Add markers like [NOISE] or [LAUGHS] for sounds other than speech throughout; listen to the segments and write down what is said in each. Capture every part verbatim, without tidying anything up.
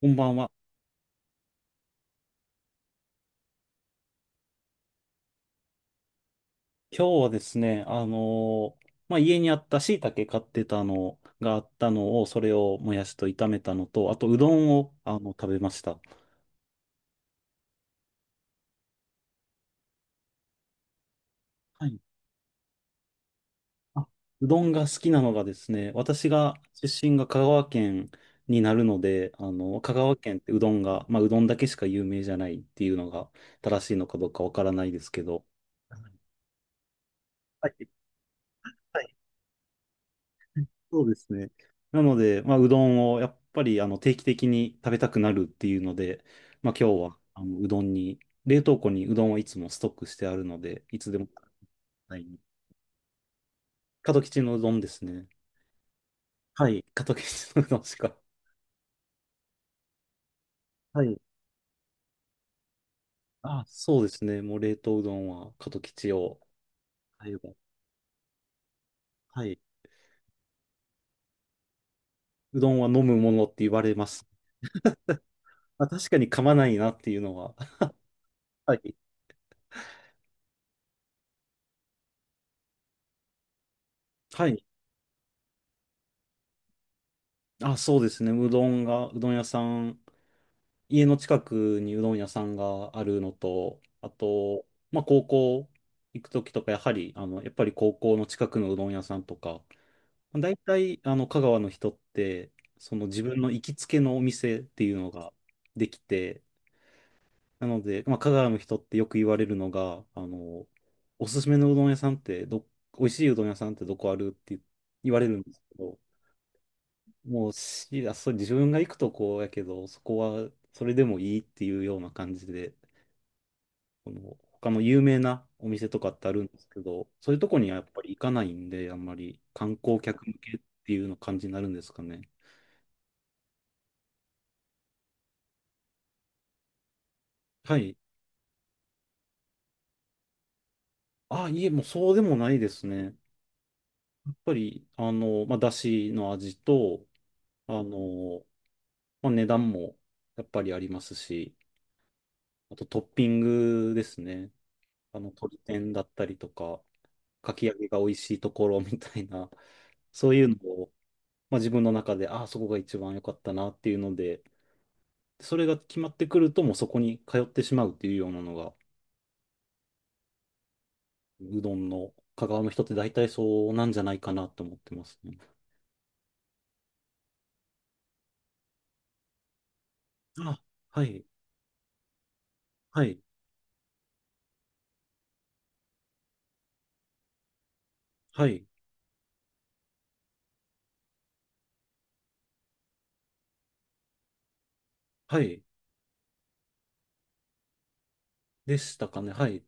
こんばんは。今日はですね、あのーまあ、家にあった椎茸買ってたのがあったのを、それをもやしと炒めたのと、あとうどんをあの食べました。はい。あ、うどんが好きなのがですね、私が出身が香川県になるので、あの、香川県ってうどんが、まあ、うどんだけしか有名じゃないっていうのが正しいのかどうかわからないですけど、はいはい、そうですね。なので、まあ、うどんをやっぱりあの定期的に食べたくなるっていうので、まあ、今日はあのうどんに、冷凍庫にうどんをいつもストックしてあるので、いつでも食べたい。門吉のうどんですね。はい、門吉のうどんしか。はい。あ、そうですね。もう冷凍うどんは門吉を買えば。はい。うどんは飲むものって言われます。まあ、確かに噛まないなっていうのは。はい。はい。あ、そうですね。うどんが、うどん屋さん家の近くにうどん屋さんがあるのと、あと、まあ、高校行くときとか、やはり、あの、やっぱり高校の近くのうどん屋さんとか、まあ大体、あの、香川の人って、その自分の行きつけのお店っていうのができて、なので、まあ、香川の人ってよく言われるのが、あの、おすすめのうどん屋さんってど、美味しいうどん屋さんってどこあるって言われるんですけど、もうし、あ、そう、自分が行くとこやけど、そこはそれでもいいっていうような感じで、この他の有名なお店とかってあるんですけど、そういうとこにはやっぱり行かないんで、あんまり観光客向けっていうの感じになるんですかね。はい。あ、いえ、もうそうでもないですね。やっぱり、あの、まあ、だしの味と、あの、まあ、値段もやっぱりありますし、あとトッピングですね。あの、鶏天だったりとか、かき揚げが美味しいところみたいな、そういうのを、まあ、自分の中で、ああ、そこが一番良かったなっていうので、それが決まってくると、もうそこに通ってしまうっていうようなのが、うどんの香川の人って大体そうなんじゃないかなと思ってますね。あ、はい、はい、はい、はい、でしたかね。はい、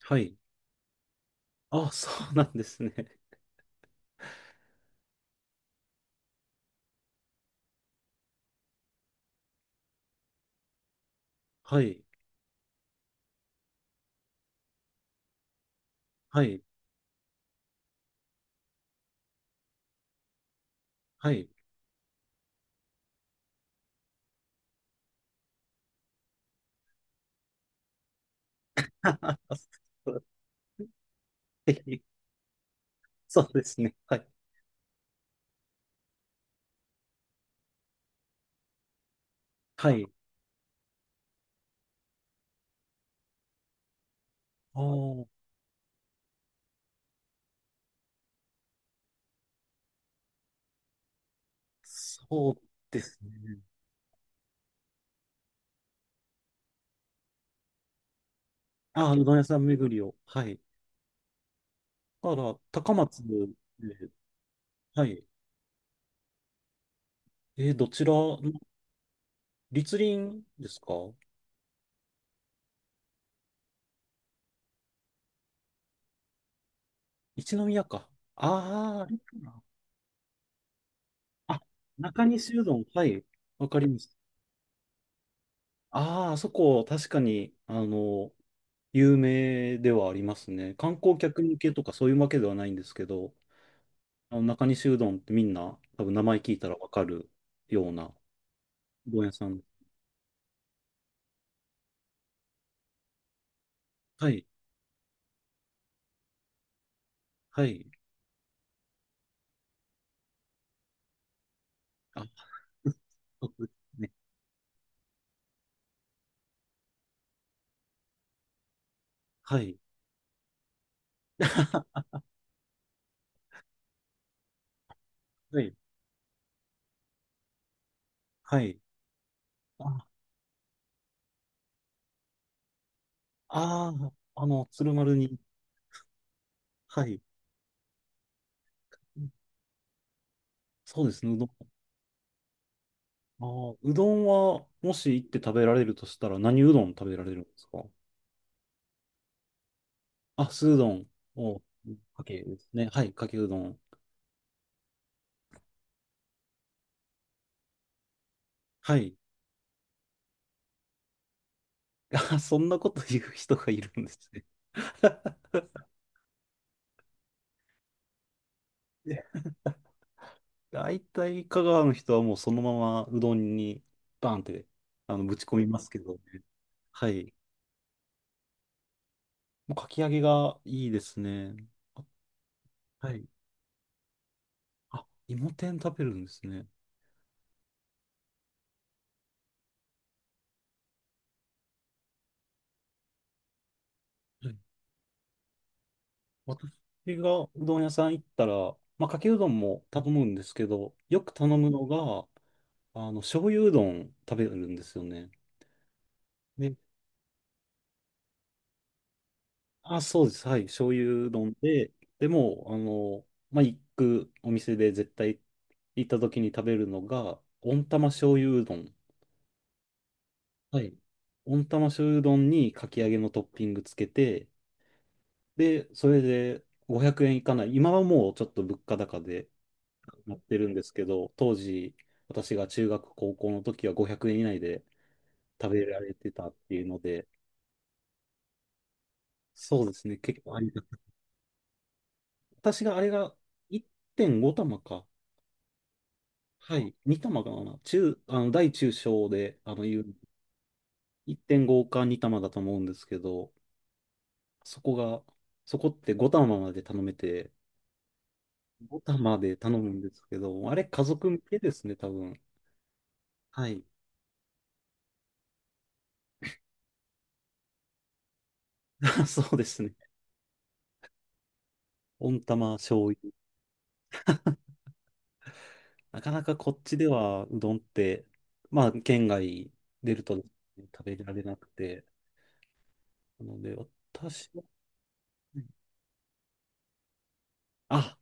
はい。あ、そうなんですね。はい、はい、はい。[LAUGHS] そうですね。はい、はい。ああ、そうですね。ああ、うどん屋さん巡りを。はい。だから、高松で、はい。えーどちらの立林ですか？一宮か。ああ、あれかな。あ、中西うどん。はい。わかります。ああ、あそこ、確かに、あの、有名ではありますね。観光客向けとかそういうわけではないんですけど、あの中西うどんってみんな、多分名前聞いたらわかるようなうどん屋さん。はい、はい。あ、そうですね。はい、[LAUGHS] はい、はい。あ、ああ、あの、鶴丸に、はい。そうですね、うどん。あー、うどんは、もし行って食べられるとしたら、何うどん食べられるんですかあ、酢うどんを、かけですね。はい、かけうどん。はい。[LAUGHS] あ、そんなこと言う人がいるんですね。[LAUGHS] で大体、香川の人はもうそのままうどんに、バンって、あの、ぶち込みますけどね。はい。もうかき揚げがいいですね。あはい。あ、芋天食べるんですね。私がうどん屋さん行ったら、まあ、かけうどんも頼むんですけど、よく頼むのが、あの、醤油うどん食べるんですよね。で、あ、そうです。はい。醤油うどんで、でも、あの、まあ、行くお店で絶対行った時に食べるのが、温玉醤油うどん。はい。温玉醤油うどんにかき揚げのトッピングつけて、で、それでごひゃくえんいかない。今はもうちょっと物価高で、やってるんですけど、当時、私が中学、高校の時はごひゃくえん以内で食べられてたっていうので、そうですね、結構ありがた私があれがいってんご玉か。はい、に玉かな。中、あの、大中小で、あの、言う、いってんごかに玉だと思うんですけど、そこが、そこってご玉まで頼めて、ご玉で頼むんですけど、あれ家族向けですね、多分。はい。[LAUGHS] そうですね。温玉醤油なかなかこっちではうどんって、まあ、県外出るとね食べられなくて、なので、私は、あ、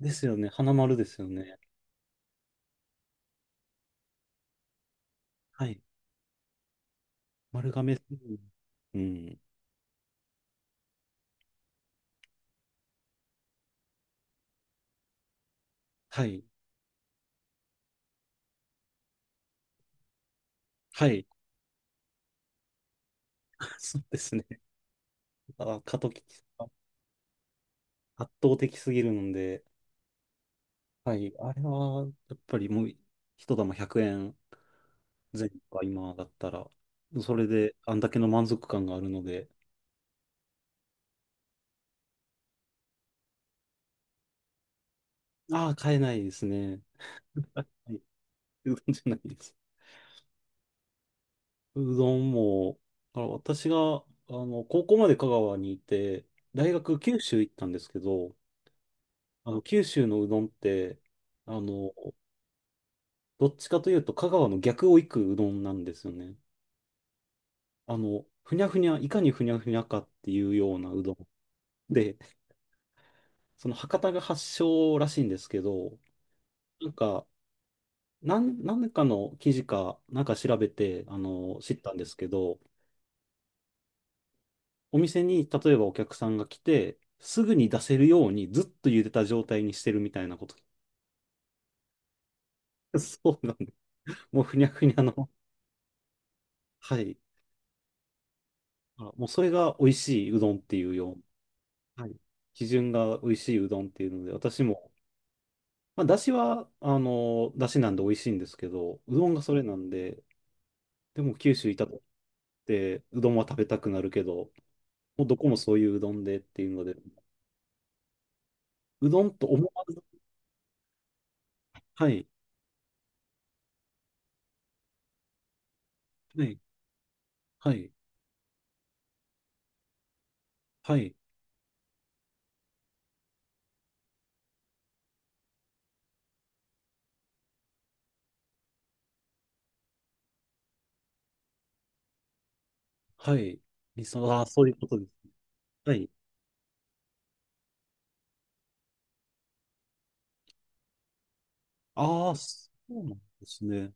ですよね、花丸ですよね。はい。丸亀製麺。うん。はい。はい。[LAUGHS] そうですね。あ、過渡期が圧倒的すぎるので、はい。あれは、やっぱりもう、一玉ひゃくえんぜん後か、今だったら。それで、あんだけの満足感があるので、ああ、買えないですね。あはい。 [LAUGHS] うどんじゃないです。うどんも、あの私が、あの、高校まで香川にいて、大学九州行ったんですけど、あの、九州のうどんって、あの、どっちかというと香川の逆を行くうどんなんですよね。あの、ふにゃふにゃ、いかにふにゃふにゃかっていうようなうどん。で、その博多が発祥らしいんですけど、なんか、なん、何かの記事か、なんか調べて、あの、知ったんですけど、お店に、例えばお客さんが来て、すぐに出せるようにずっと茹でた状態にしてるみたいなこと。[LAUGHS] そうなんです。もうふにゃふにゃの、はい。あもうそれが美味しいうどんっていうような、はい。基準が美味しいうどんっていうので、私も、まあ、だしは、あの、だしなんで美味しいんですけど、うどんがそれなんで、でも九州いたとって、うどんは食べたくなるけど、もうどこもそういううどんでっていうので、うどんと思わず、はい、はい、はい、はい。はい。理想、ああ、そういうことです。はい。ああ、そうなんですね。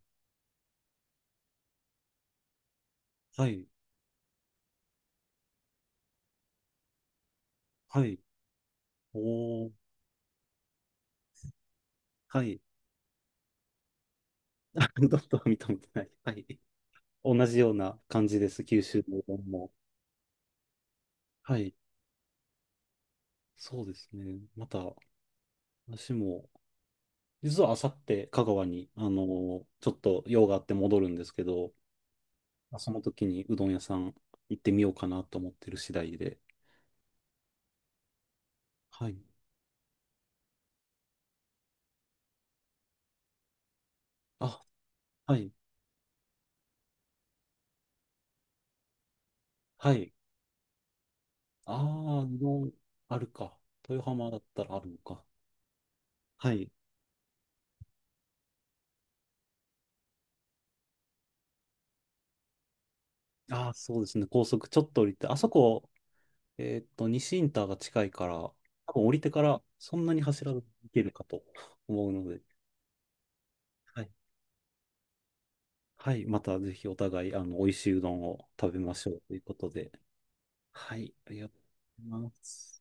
はい。はい。おー。はい。[LAUGHS] あどんどん認めてない。はい。同じような感じです。九州のうどんも。はい。そうですね。また、私も、実はあさって香川に、あのーちょっと用があって戻るんですけど、その時にうどん屋さん行ってみようかなと思ってる次第で。はい。あ、はい。はい。ああ、うどんあるか。豊浜だったらあるのか。はい。ああ、そうですね。高速ちょっと降りて、あそこ、えーっと、西インターが近いから、多分降りてからそんなに走らず行けるかと思うので、はい。はい。またぜひお互い、あの、美味しいうどんを食べましょうということで。はい。ありがとうございます。